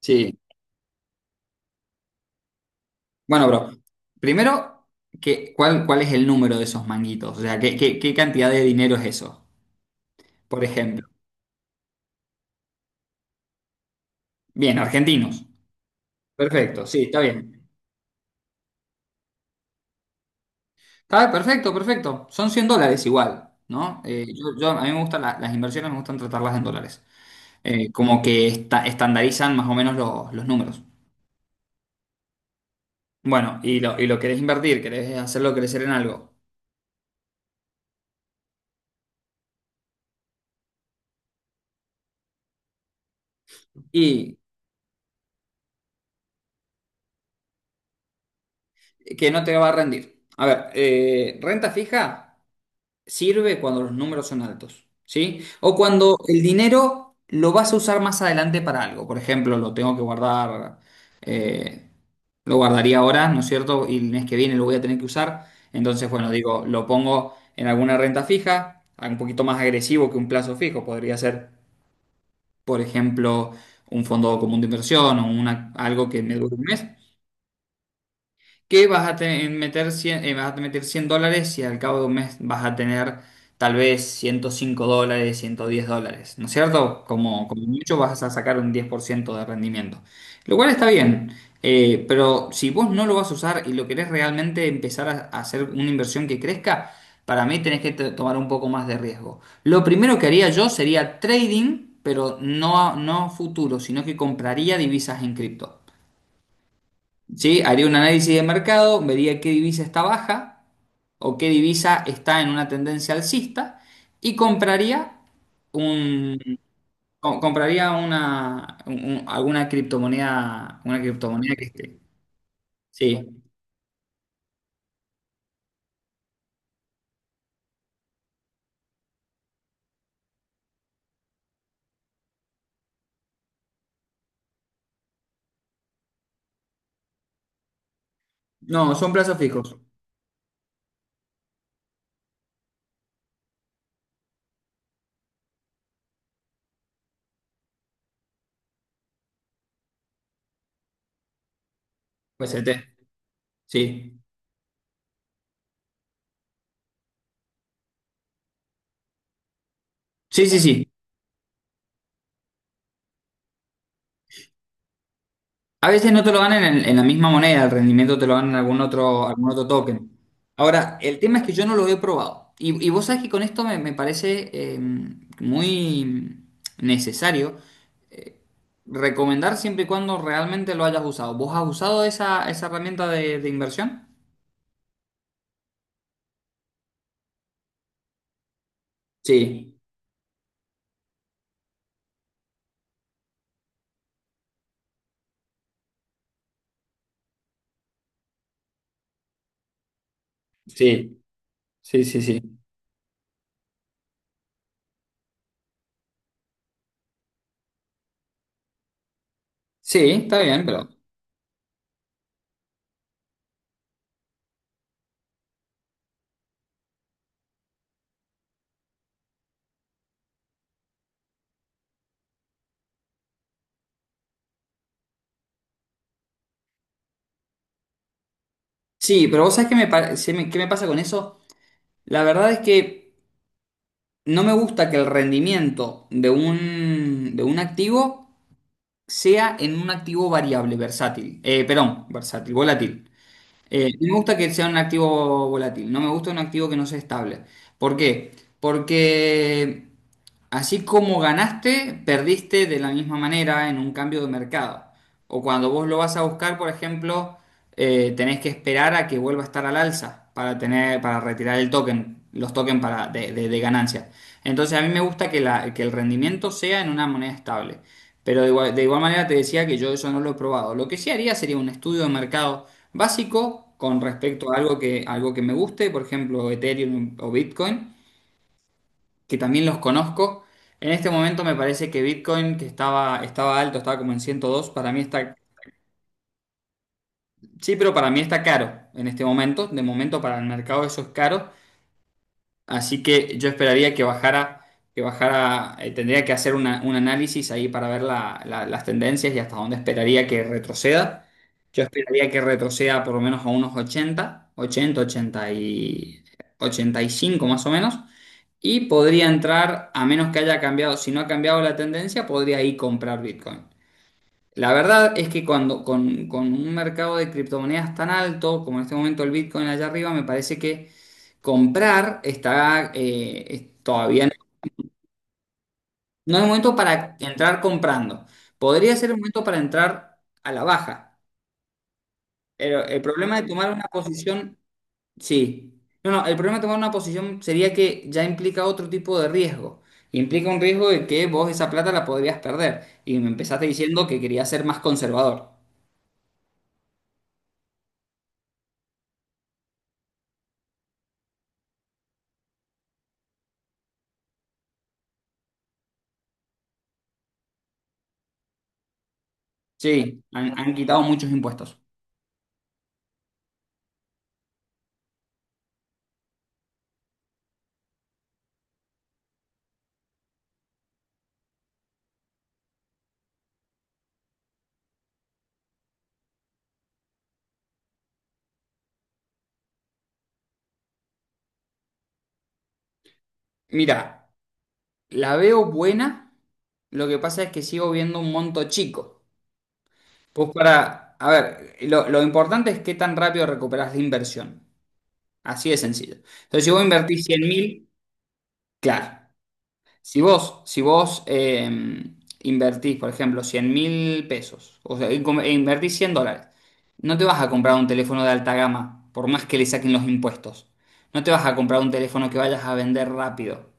Sí. Bueno, bro, primero, ¿ cuál es el número de esos manguitos? O sea, ¿ qué cantidad de dinero es eso? Por ejemplo. Bien, argentinos. Perfecto, sí, está bien. Está perfecto, perfecto. Son $100 igual, ¿no? A mí me gustan las inversiones, me gustan tratarlas en dólares. Como que estandarizan más o menos los números. Bueno, y lo querés invertir, querés hacerlo crecer en algo. Y que no te va a rendir. A ver, renta fija sirve cuando los números son altos, ¿sí? O cuando el dinero lo vas a usar más adelante para algo. Por ejemplo, lo tengo que guardar, eh, lo guardaría ahora, ¿no es cierto? Y el mes que viene lo voy a tener que usar. Entonces, bueno, digo, lo pongo en alguna renta fija, un poquito más agresivo que un plazo fijo. Podría ser, por ejemplo, un fondo común de inversión o una, algo que me dure un mes que meter 100, vas a meter $100 y al cabo de un mes vas a tener tal vez $105, $110, ¿no es cierto? Como, como mucho vas a sacar un 10% de rendimiento, lo cual está bien, pero si vos no lo vas a usar y lo querés realmente empezar a hacer una inversión que crezca, para mí tenés que tomar un poco más de riesgo. Lo primero que haría yo sería trading, pero no, no a futuro, sino que compraría divisas en cripto. Sí, haría un análisis de mercado, vería qué divisa está baja o qué divisa está en una tendencia alcista y compraría un compraría alguna criptomoneda, una criptomoneda que esté. Sí. No, son plazos fijos. UST. Sí. Sí, sí, sí. A veces no te lo ganan en la misma moneda, el rendimiento te lo ganan en algún otro token. Ahora, el tema es que yo no lo he probado. Y vos sabés que con esto me, me parece muy necesario eh, recomendar siempre y cuando realmente lo hayas usado. ¿Vos has usado esa, esa herramienta de inversión? Sí, sí, sí, sí, sí. Sí, está bien, pero... Sí, pero vos sabés que me, qué me pasa con eso. La verdad es que... No me gusta que el rendimiento de un activo sea en un activo variable, versátil. Perdón, versátil, volátil. No me gusta que sea un activo volátil. No me gusta un activo que no sea estable. ¿Por qué? Porque así como ganaste, perdiste de la misma manera en un cambio de mercado. O cuando vos lo vas a buscar, por ejemplo, tenés que esperar a que vuelva a estar al alza para tener, para retirar el token, los tokens para, de ganancia. Entonces a mí me gusta que el rendimiento sea en una moneda estable. Pero de igual manera te decía que yo eso no lo he probado. Lo que sí haría sería un estudio de mercado básico con respecto a algo que me guste, por ejemplo, Ethereum o Bitcoin, que también los conozco. En este momento me parece que Bitcoin, que estaba, estaba alto, estaba como en 102, para mí está, sí, pero para mí está caro en este momento. De momento para el mercado eso es caro. Así que yo esperaría que bajara, tendría que hacer un análisis ahí para ver las tendencias y hasta dónde esperaría que retroceda. Yo esperaría que retroceda por lo menos a unos 80, 80, 80 y 85 más o menos. Y podría entrar, a menos que haya cambiado, si no ha cambiado la tendencia, podría ahí comprar Bitcoin. La verdad es que cuando con un mercado de criptomonedas tan alto como en este momento el Bitcoin allá arriba, me parece que comprar está todavía no, no es momento para entrar comprando. Podría ser el momento para entrar a la baja, pero el problema de tomar una posición. Sí. No, no, el problema de tomar una posición sería que ya implica otro tipo de riesgo. Implica un riesgo de que vos esa plata la podrías perder. Y me empezaste diciendo que querías ser más conservador. Sí, han, han quitado muchos impuestos. Mira, la veo buena. Lo que pasa es que sigo viendo un monto chico. Pues para, a ver, lo importante es qué tan rápido recuperas la inversión. Así de sencillo. Entonces, si vos invertís 100.000, claro. Si vos, invertís, por ejemplo, 100.000 pesos, o sea, invertís $100, no te vas a comprar un teléfono de alta gama, por más que le saquen los impuestos. No te vas a comprar un teléfono que vayas a vender rápido.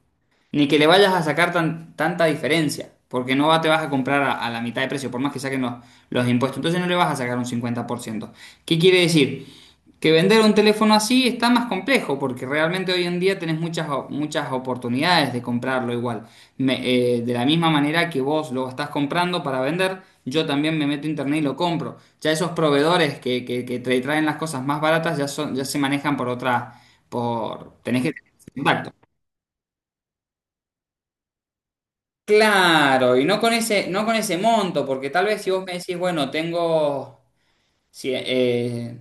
Ni que le vayas a sacar tanta diferencia, porque no va- te vas a comprar a la mitad de precio, por más que saquen los impuestos. Entonces no le vas a sacar un 50%. ¿Qué quiere decir? Que vender un teléfono así está más complejo, porque realmente hoy en día tenés muchas, muchas oportunidades de comprarlo igual. Me- de la misma manera que vos lo estás comprando para vender, yo también me meto a internet y lo compro. Ya esos proveedores que te traen las cosas más baratas ya, son, ya se manejan por otra, por... tenés que tener claro, y no con ese, no con ese monto, porque tal vez si vos me decís, bueno, tengo cincuenta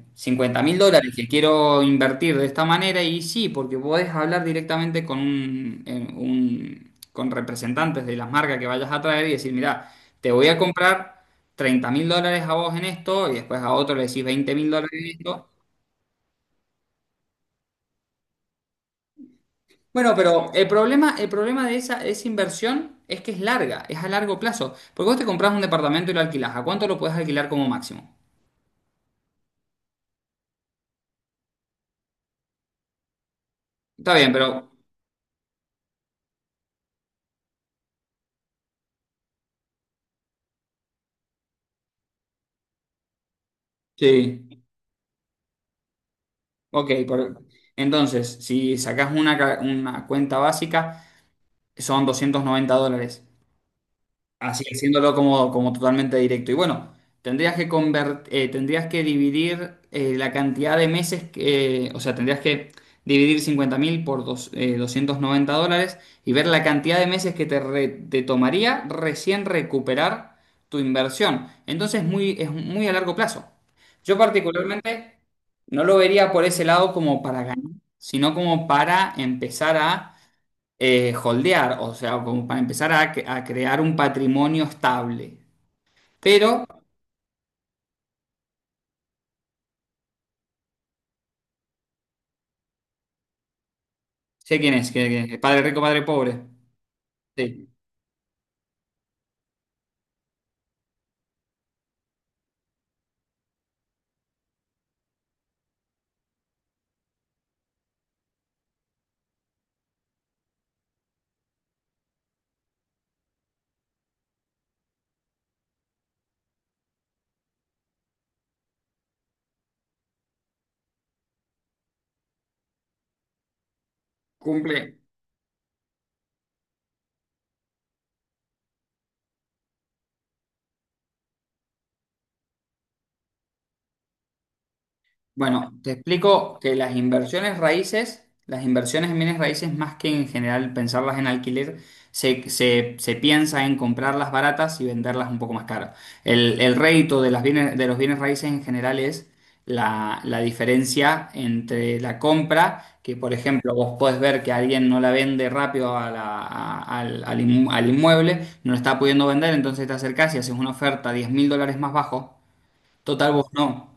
mil dólares que quiero invertir de esta manera, y sí, porque podés hablar directamente con un, con representantes de las marcas que vayas a traer y decir, mirá, te voy a comprar $30.000 a vos en esto, y después a otro le decís $20.000 en esto. Bueno, pero el problema de esa, esa inversión es que es larga, es a largo plazo. Porque vos te compras un departamento y lo alquilás. ¿A cuánto lo puedes alquilar como máximo? Está bien, pero... Sí, ok. Entonces, si sacás una, una cuenta básica, son $290. Así que siéndolo como, como totalmente directo. Y bueno, tendrías que dividir la cantidad de meses que, o sea, tendrías que dividir 50.000 por 290 dólares y ver la cantidad de meses que te, te tomaría recién recuperar tu inversión. Entonces muy, es muy a largo plazo. Yo particularmente no lo vería por ese lado como para ganar, sino como para empezar a holdear, o sea, como para empezar a, a crear un patrimonio estable. Pero, sé quién es, padre rico, padre pobre. Sí, cumple. Bueno, te explico que las inversiones raíces, las inversiones en bienes raíces, más que en general pensarlas en alquiler, se piensa en comprarlas baratas y venderlas un poco más caras. El rédito de las bienes, de los bienes raíces en general es la, la diferencia entre la compra, que por ejemplo vos podés ver que alguien no la vende rápido a al al inmueble, no la está pudiendo vender, entonces te acercás y haces una oferta $10.000 más bajo. Total, vos no,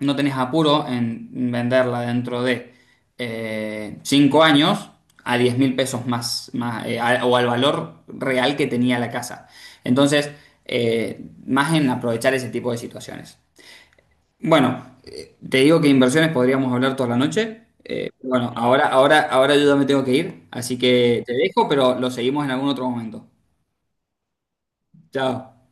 no tenés apuro en venderla dentro de 5 años a 10.000 pesos más, más o al valor real que tenía la casa. Entonces, eh, más en aprovechar ese tipo de situaciones. Bueno, te digo que inversiones podríamos hablar toda la noche. Bueno, ahora, ahora, ahora yo ya me tengo que ir, así que te dejo, pero lo seguimos en algún otro momento. Chao.